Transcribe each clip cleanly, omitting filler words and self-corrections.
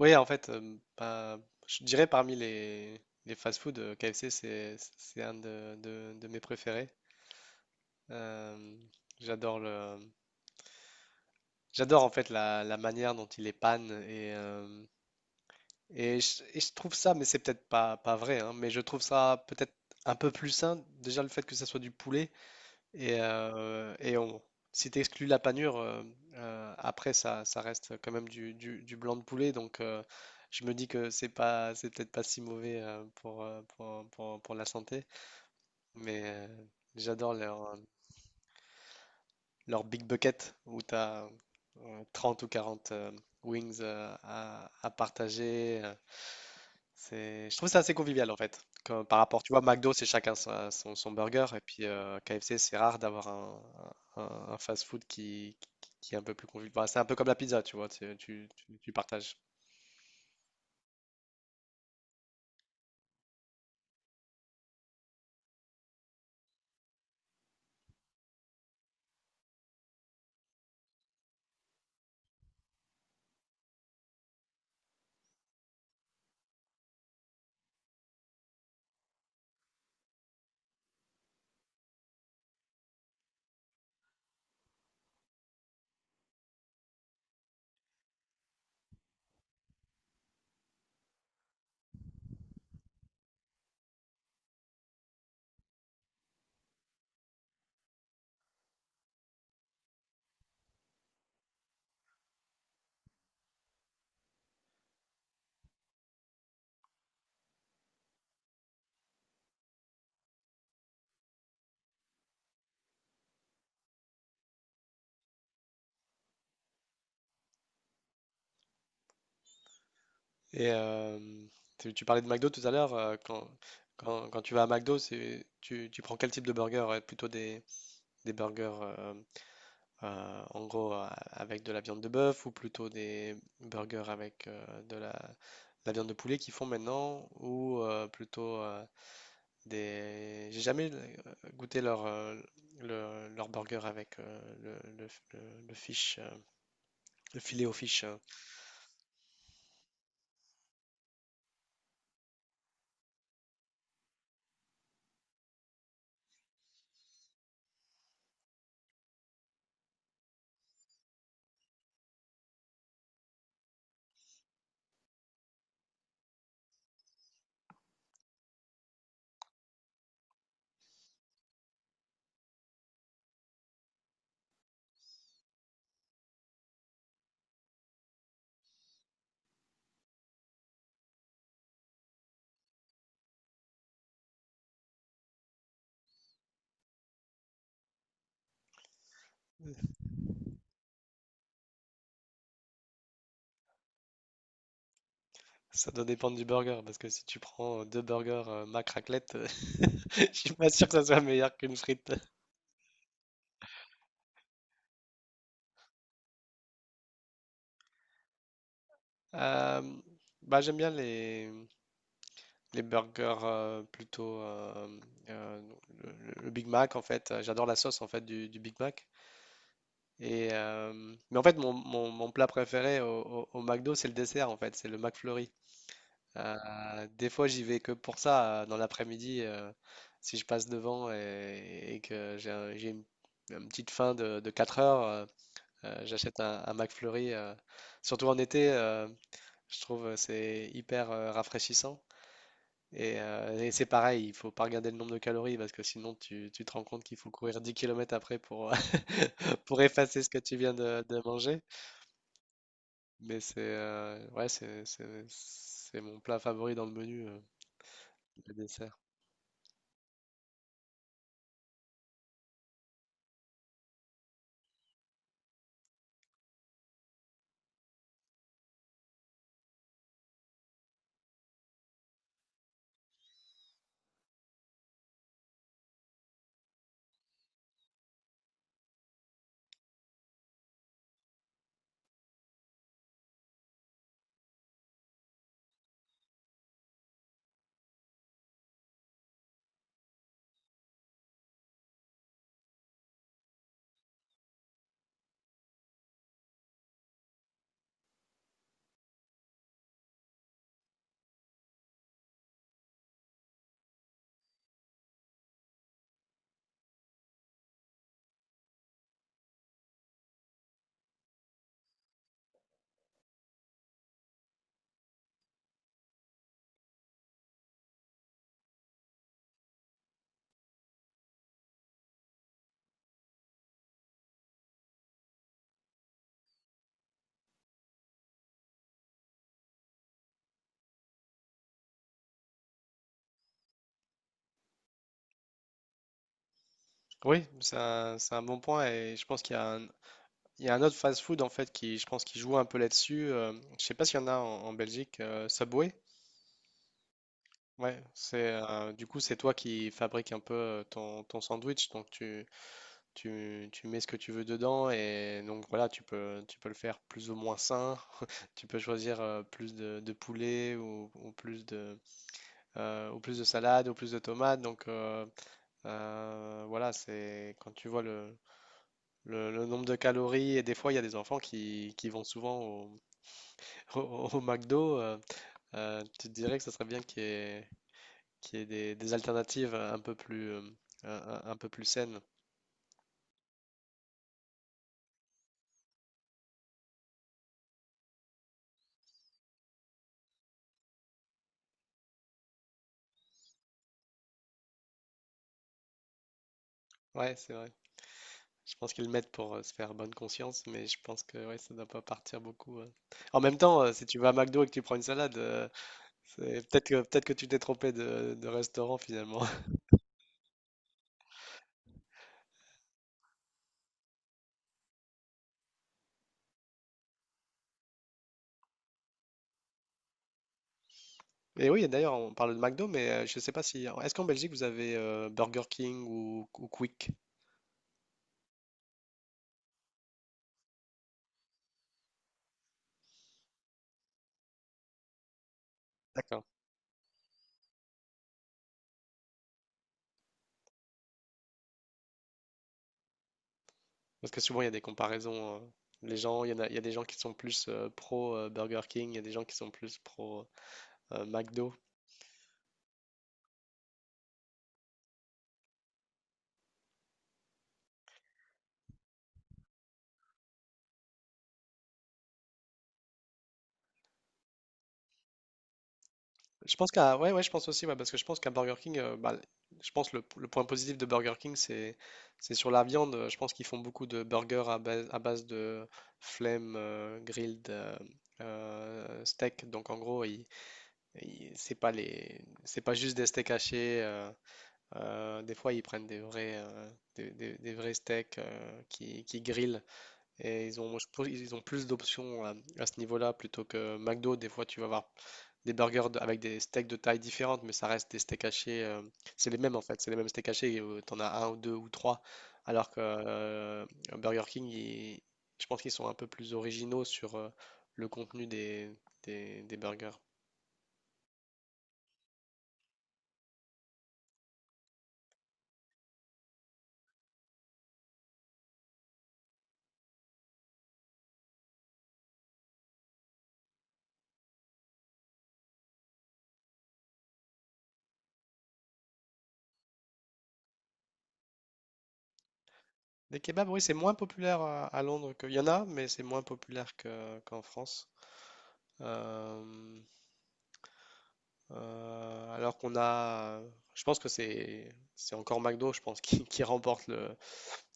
Oui, en fait, je dirais parmi les fast-food, KFC, c'est un de mes préférés. Euh, j'adore le, j'adore en fait la manière dont il est panne et je trouve ça, mais c'est peut-être pas vrai, hein, mais je trouve ça peut-être un peu plus sain. Déjà le fait que ça soit du poulet, et on, si tu exclues la panure, après ça, ça reste quand même du blanc de poulet. Je me dis que c'est pas, c'est peut-être pas si mauvais pour, pour la santé. Mais euh, j'adore leur, Leur big bucket où tu as 30 ou 40 wings à partager. C'est, je trouve ça assez convivial en fait. Comme par rapport, tu vois, McDo, c'est chacun son burger, et puis KFC, c'est rare d'avoir un fast-food qui est un peu plus convivial. Bah, c'est un peu comme la pizza, tu vois, tu partages. Et euh, tu parlais de McDo tout à l'heure, quand tu vas à McDo, tu prends quel type de burger? Plutôt des burgers en gros avec de la viande de bœuf ou plutôt des burgers avec la viande de poulet qu'ils font maintenant ou plutôt des... J'ai jamais goûté leur burger avec le fish, le filet au fish. Ça doit dépendre du burger parce que si tu prends deux burgers mac raclette, je suis pas sûr que ça soit meilleur qu'une frite. Euh, Bah, les burgers euh, le Big Mac en fait. J'adore la sauce en fait du Big Mac. Et euh, mais en fait mon plat préféré au McDo c'est le dessert en fait, c'est le McFlurry. Des fois j'y vais que pour ça dans l'après-midi, si je passe devant et que j'ai une petite faim de 4 heures, j'achète un McFlurry. Surtout en été, je trouve c'est hyper rafraîchissant. Et c'est pareil, il faut pas regarder le nombre de calories parce que sinon tu, tu te rends compte qu'il faut courir 10 kilomètres après pour, pour effacer ce que tu viens de manger. Mais c'est ouais, c'est mon plat favori dans le menu, le dessert. Oui, c'est c'est un bon point et je pense qu'il y a il y a un autre fast-food en fait qui, je pense, qui joue un peu là-dessus. Je sais pas s'il y en a en Belgique, Subway. Ouais, c'est du coup c'est toi qui fabrique un peu ton sandwich, donc tu, tu mets ce que tu veux dedans et donc voilà, tu peux le faire plus ou moins sain. Tu peux choisir plus de poulet ou plus de salade ou plus de tomates. Voilà, c'est quand tu vois le nombre de calories et des fois il y a des enfants qui vont souvent au, au, au McDo. Tu te dirais que ça serait bien qu'il y ait des alternatives un peu plus, un peu plus saines. Ouais, c'est vrai. Je pense qu'ils le mettent pour se faire bonne conscience, mais je pense que ouais, ça doit pas partir beaucoup. En même temps, si tu vas à McDo et que tu prends une salade, c'est peut-être que tu t'es trompé de restaurant finalement. Et oui, et d'ailleurs, on parle de McDo, mais je sais pas si est-ce qu'en Belgique vous avez Burger King ou Quick? D'accord. Parce que souvent il y a des comparaisons. Les gens, il y en a, il y a des gens qui sont plus pro Burger King, il y a des gens qui sont plus pro McDo. Je pense qu'à ouais, ouais, je pense aussi ouais, parce que je pense qu'à Burger King, bah, je pense le point positif de Burger King, c'est sur la viande. Je pense qu'ils font beaucoup de burgers à base de flame grilled steak. Donc en gros, c'est pas les c'est pas juste des steaks hachés. Des fois, ils prennent des vrais des vrais steaks qui grillent. Et ils ont, je pense, ils ont plus d'options à ce niveau-là plutôt que McDo. Des fois, tu vas avoir des burgers avec des steaks de taille différente, mais ça reste des steaks hachés. C'est les mêmes en fait, c'est les mêmes steaks hachés. T'en as un ou deux ou trois. Alors que Burger King, je pense qu'ils sont un peu plus originaux sur le contenu des burgers. Des kebabs, oui, c'est moins populaire à Londres qu'il y en a, mais c'est moins populaire qu'en France. Euh, Euh, alors qu'on a, je pense que c'est encore McDo, je pense, qui remporte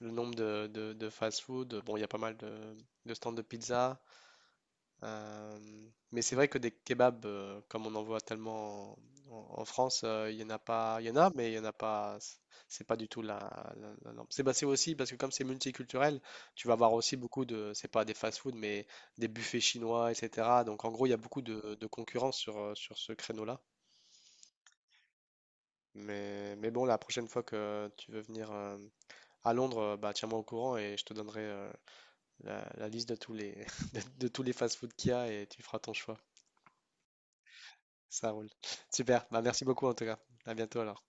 le nombre de fast-food. Bon, il y a pas mal de stands de pizza, euh, mais c'est vrai que des kebabs, comme on en voit tellement en, France, il y en a pas, il y en a, mais il y en a pas. C'est pas du tout la norme. C'est bah, c'est aussi parce que comme c'est multiculturel, tu vas avoir aussi beaucoup de, c'est pas des fast-food, mais des buffets chinois, etc. Donc en gros, il y a beaucoup de concurrence sur sur ce créneau-là. Mais bon, la prochaine fois que tu veux venir à Londres, bah, tiens-moi au courant et je te donnerai la liste de tous les, de tous les fast-food qu'il y a et tu feras ton choix. Ça roule. Super. Bah, merci beaucoup en tout cas. À bientôt alors.